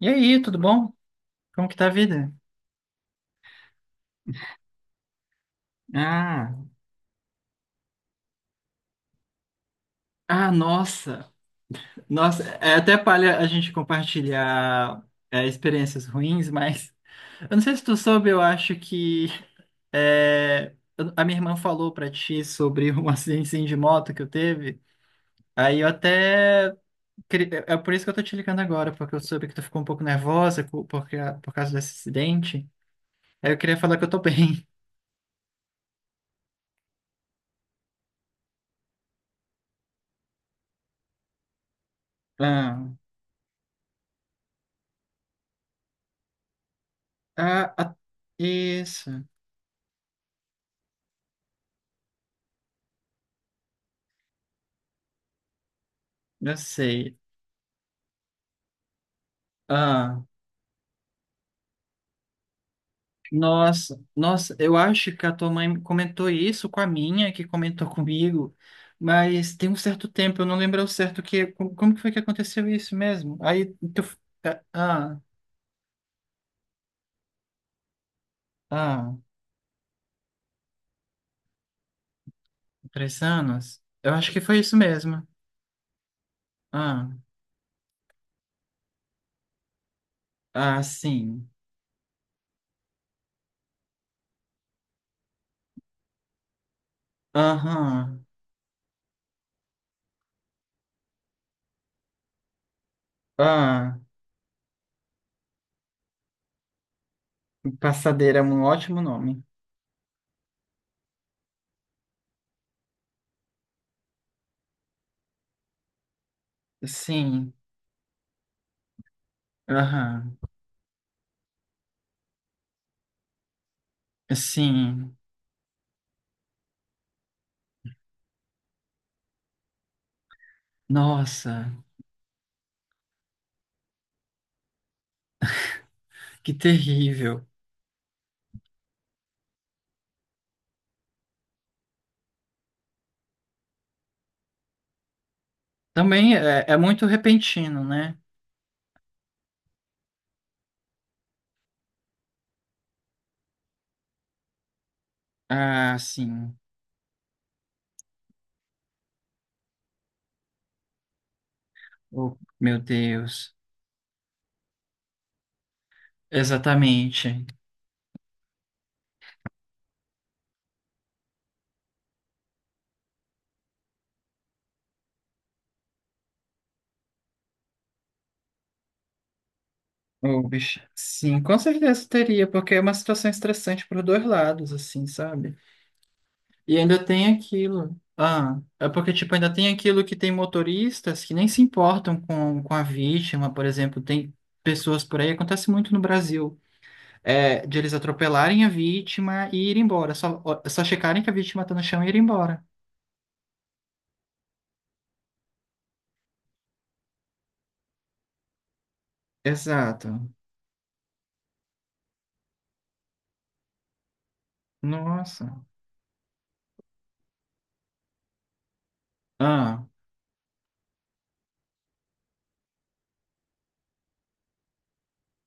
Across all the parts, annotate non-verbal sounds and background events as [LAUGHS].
E aí, tudo bom? Como que tá a vida? Ah, ah, nossa, é até palha a gente compartilhar experiências ruins, mas eu não sei se tu soube, eu acho que a minha irmã falou pra ti sobre um [LAUGHS] acidente assim, de moto que eu teve. Aí eu até é por isso que eu tô te ligando agora, porque eu soube que tu ficou um pouco nervosa por causa desse acidente. Aí eu queria falar que eu tô bem. [LAUGHS] Ah, ah, ah, isso, eu sei. Ah. Nossa, eu acho que a tua mãe comentou isso com a minha, que comentou comigo, mas tem um certo tempo, eu não lembro ao certo que, como que foi que aconteceu isso mesmo? Aí, tu, ah, ah, três anos? Eu acho que foi isso mesmo. Ah, ah, sim. Aham, ah, passadeira é um ótimo nome. Sim, aham, sim. Nossa, que terrível. Também é muito repentino, né? Ah, sim. Oh, meu Deus. Exatamente. Oh, bicho. Sim, com certeza teria, porque é uma situação estressante para os dois lados, assim, sabe? E ainda tem aquilo. Ah, é porque, tipo, ainda tem aquilo que tem motoristas que nem se importam com a vítima, por exemplo, tem pessoas por aí, acontece muito no Brasil, é, de eles atropelarem a vítima e ir embora, só checarem que a vítima está no chão e ir embora. Exato. Nossa. Ah,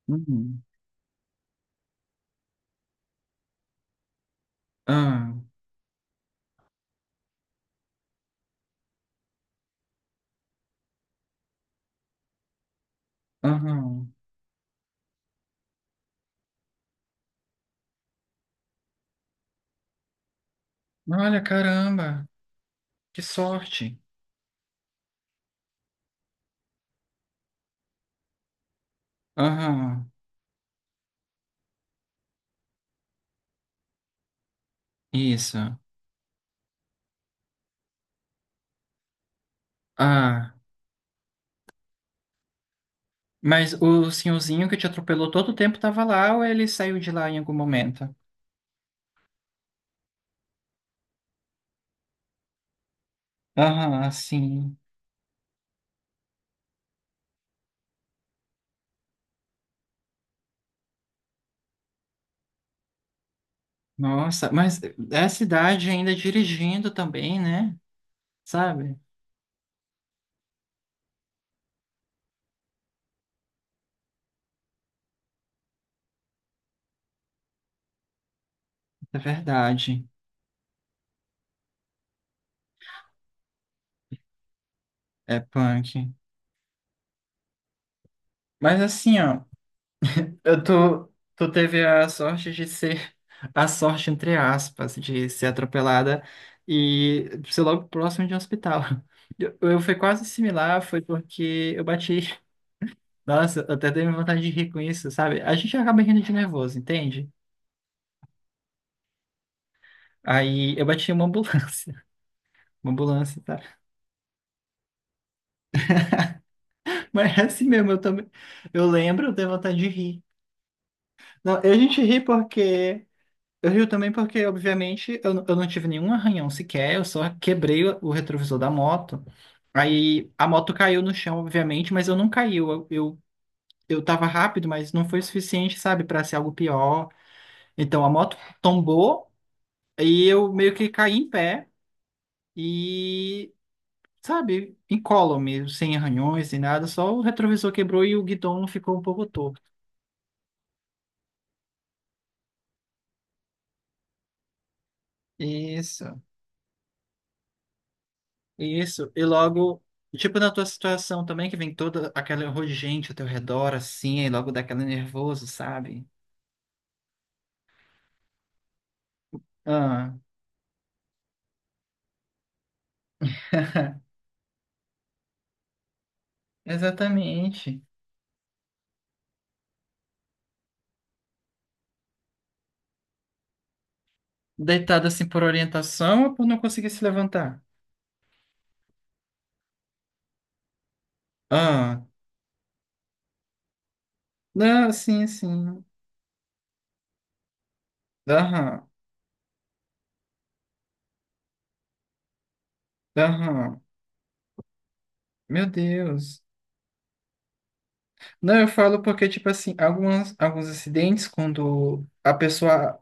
uhum, ah, aham. Olha, caramba, que sorte. Aham, isso. Ah, mas o senhorzinho que te atropelou todo o tempo tava lá ou ele saiu de lá em algum momento? Aham, sim. Nossa, mas é a cidade ainda dirigindo também, né? Sabe? É verdade. É punk. Mas assim, ó, eu tô, tu teve a sorte de ser a sorte, entre aspas, de ser atropelada e ser logo próximo de um hospital. [LAUGHS] Eu fui quase similar, foi porque eu bati. [LAUGHS] Nossa, eu até dei vontade de rir com isso, sabe? A gente acaba rindo de nervoso, entende? Aí eu bati em uma ambulância. [LAUGHS] Uma ambulância, tá? Mas é assim mesmo, eu também. Eu lembro, eu dei vontade de rir. Não, a gente ri porque. Eu rio também porque, obviamente, eu não tive nenhum arranhão sequer, eu só quebrei o retrovisor da moto. Aí a moto caiu no chão, obviamente, mas eu não caiu. Eu tava rápido, mas não foi suficiente, sabe, para ser algo pior. Então a moto tombou e eu meio que caí em pé e, sabe, incólume, sem arranhões, sem nada, só o retrovisor quebrou e o guidão ficou um pouco torto. Isso. Isso, e logo, tipo na tua situação também, que vem toda aquela horror de gente ao teu redor, assim, e logo dá aquele nervoso, sabe? Ah, [LAUGHS] exatamente. Deitado assim por orientação ou por não conseguir se levantar? Ah, não, sim, sim. Aham, aham. Meu Deus. Não, eu falo porque, tipo assim, alguns acidentes, quando a pessoa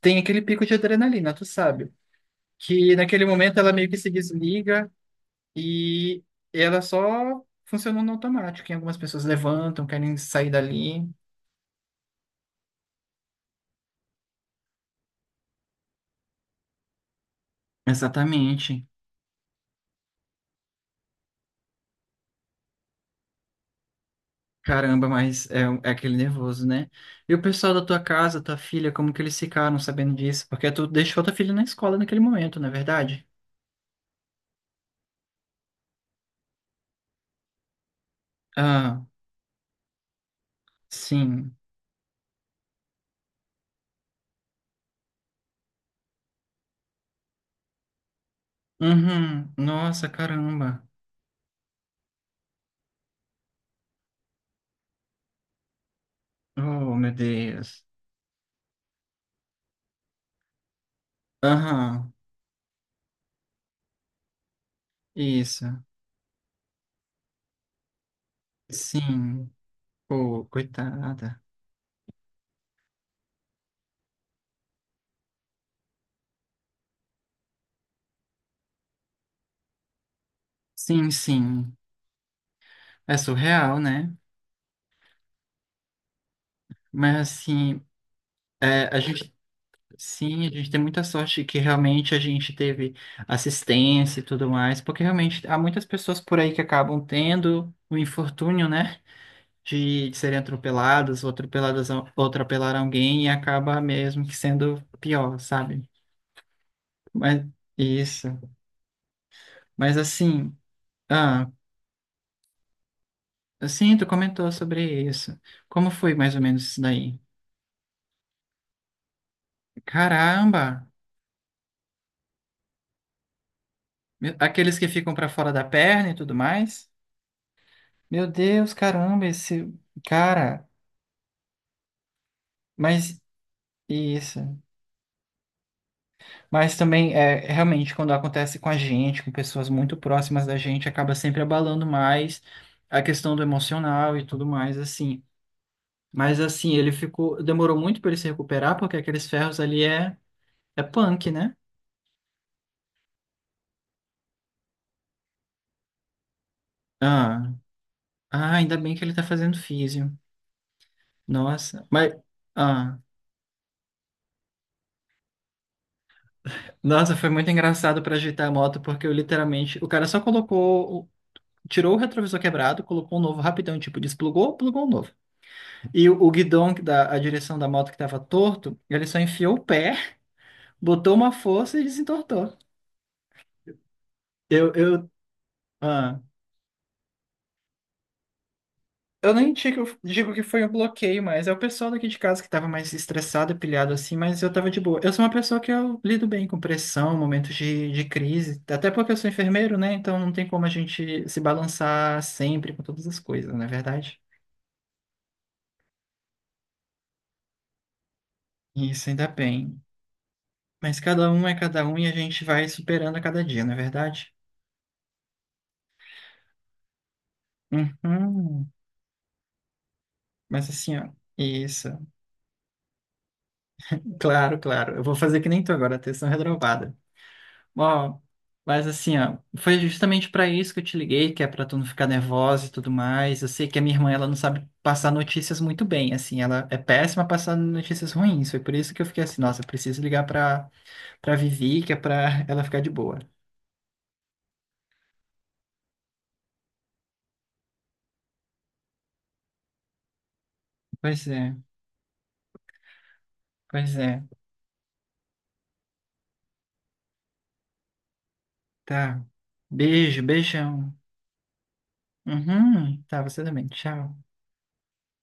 tem aquele pico de adrenalina, tu sabe? Que naquele momento ela meio que se desliga. E ela só funcionou no automático. E algumas pessoas levantam, querem sair dali. Exatamente. Caramba, mas é aquele nervoso, né? E o pessoal da tua casa, tua filha, como que eles ficaram sabendo disso? Porque tu deixou tua filha na escola naquele momento, não é verdade? Ah, sim. Uhum. Nossa, caramba. Oh, meu Deus. Aham, isso. Sim. Pô, coitada. Sim, sim. É surreal, né? Mas assim, é, a gente. Sim, a gente tem muita sorte que realmente a gente teve assistência e tudo mais, porque realmente há muitas pessoas por aí que acabam tendo o infortúnio, né, de serem atropeladas, ou atropeladas, ou atropelar alguém e acaba mesmo que sendo pior, sabe? Mas isso. Mas assim, ah, assim, tu comentou sobre isso. Como foi mais ou menos isso daí? Caramba! Meu- aqueles que ficam pra fora da perna e tudo mais? Meu Deus, caramba, esse. Cara, mas isso. Mas também é realmente quando acontece com a gente, com pessoas muito próximas da gente, acaba sempre abalando mais a questão do emocional e tudo mais assim. Mas assim, ele ficou, demorou muito para ele se recuperar, porque aqueles ferros ali é punk, né? Ah, ah, ainda bem que ele tá fazendo físio. Nossa, mas ah, nossa, foi muito engraçado para ajeitar a moto, porque eu literalmente, o cara só colocou, tirou o retrovisor quebrado, colocou um novo rapidão, tipo, desplugou, plugou o novo. E o guidão, a direção da moto que estava torto, ele só enfiou o pé, botou uma força e desentortou. Eu, eu, ah, eu nem digo, digo que foi um bloqueio, mas é o pessoal daqui de casa que estava mais estressado, pilhado assim, mas eu estava de boa. Eu sou uma pessoa que eu lido bem com pressão, momentos de crise, até porque eu sou enfermeiro, né? Então não tem como a gente se balançar sempre com todas as coisas, não é verdade? Isso, ainda bem. Mas cada um é cada um e a gente vai superando a cada dia, não é verdade? Uhum. Mas assim, ó, isso. Claro, claro. Eu vou fazer que nem tu agora, atenção redobrada. Ó, mas assim, ó, foi justamente pra isso que eu te liguei, que é pra tu não ficar nervosa e tudo mais. Eu sei que a minha irmã, ela não sabe passar notícias muito bem, assim, ela é péssima passando notícias ruins. Foi por isso que eu fiquei assim, nossa, eu preciso ligar pra, pra Vivi, que é pra ela ficar de boa. Pois é, pois é. Tá. Beijo, beijão. Uhum. Tá, você também. Tchau.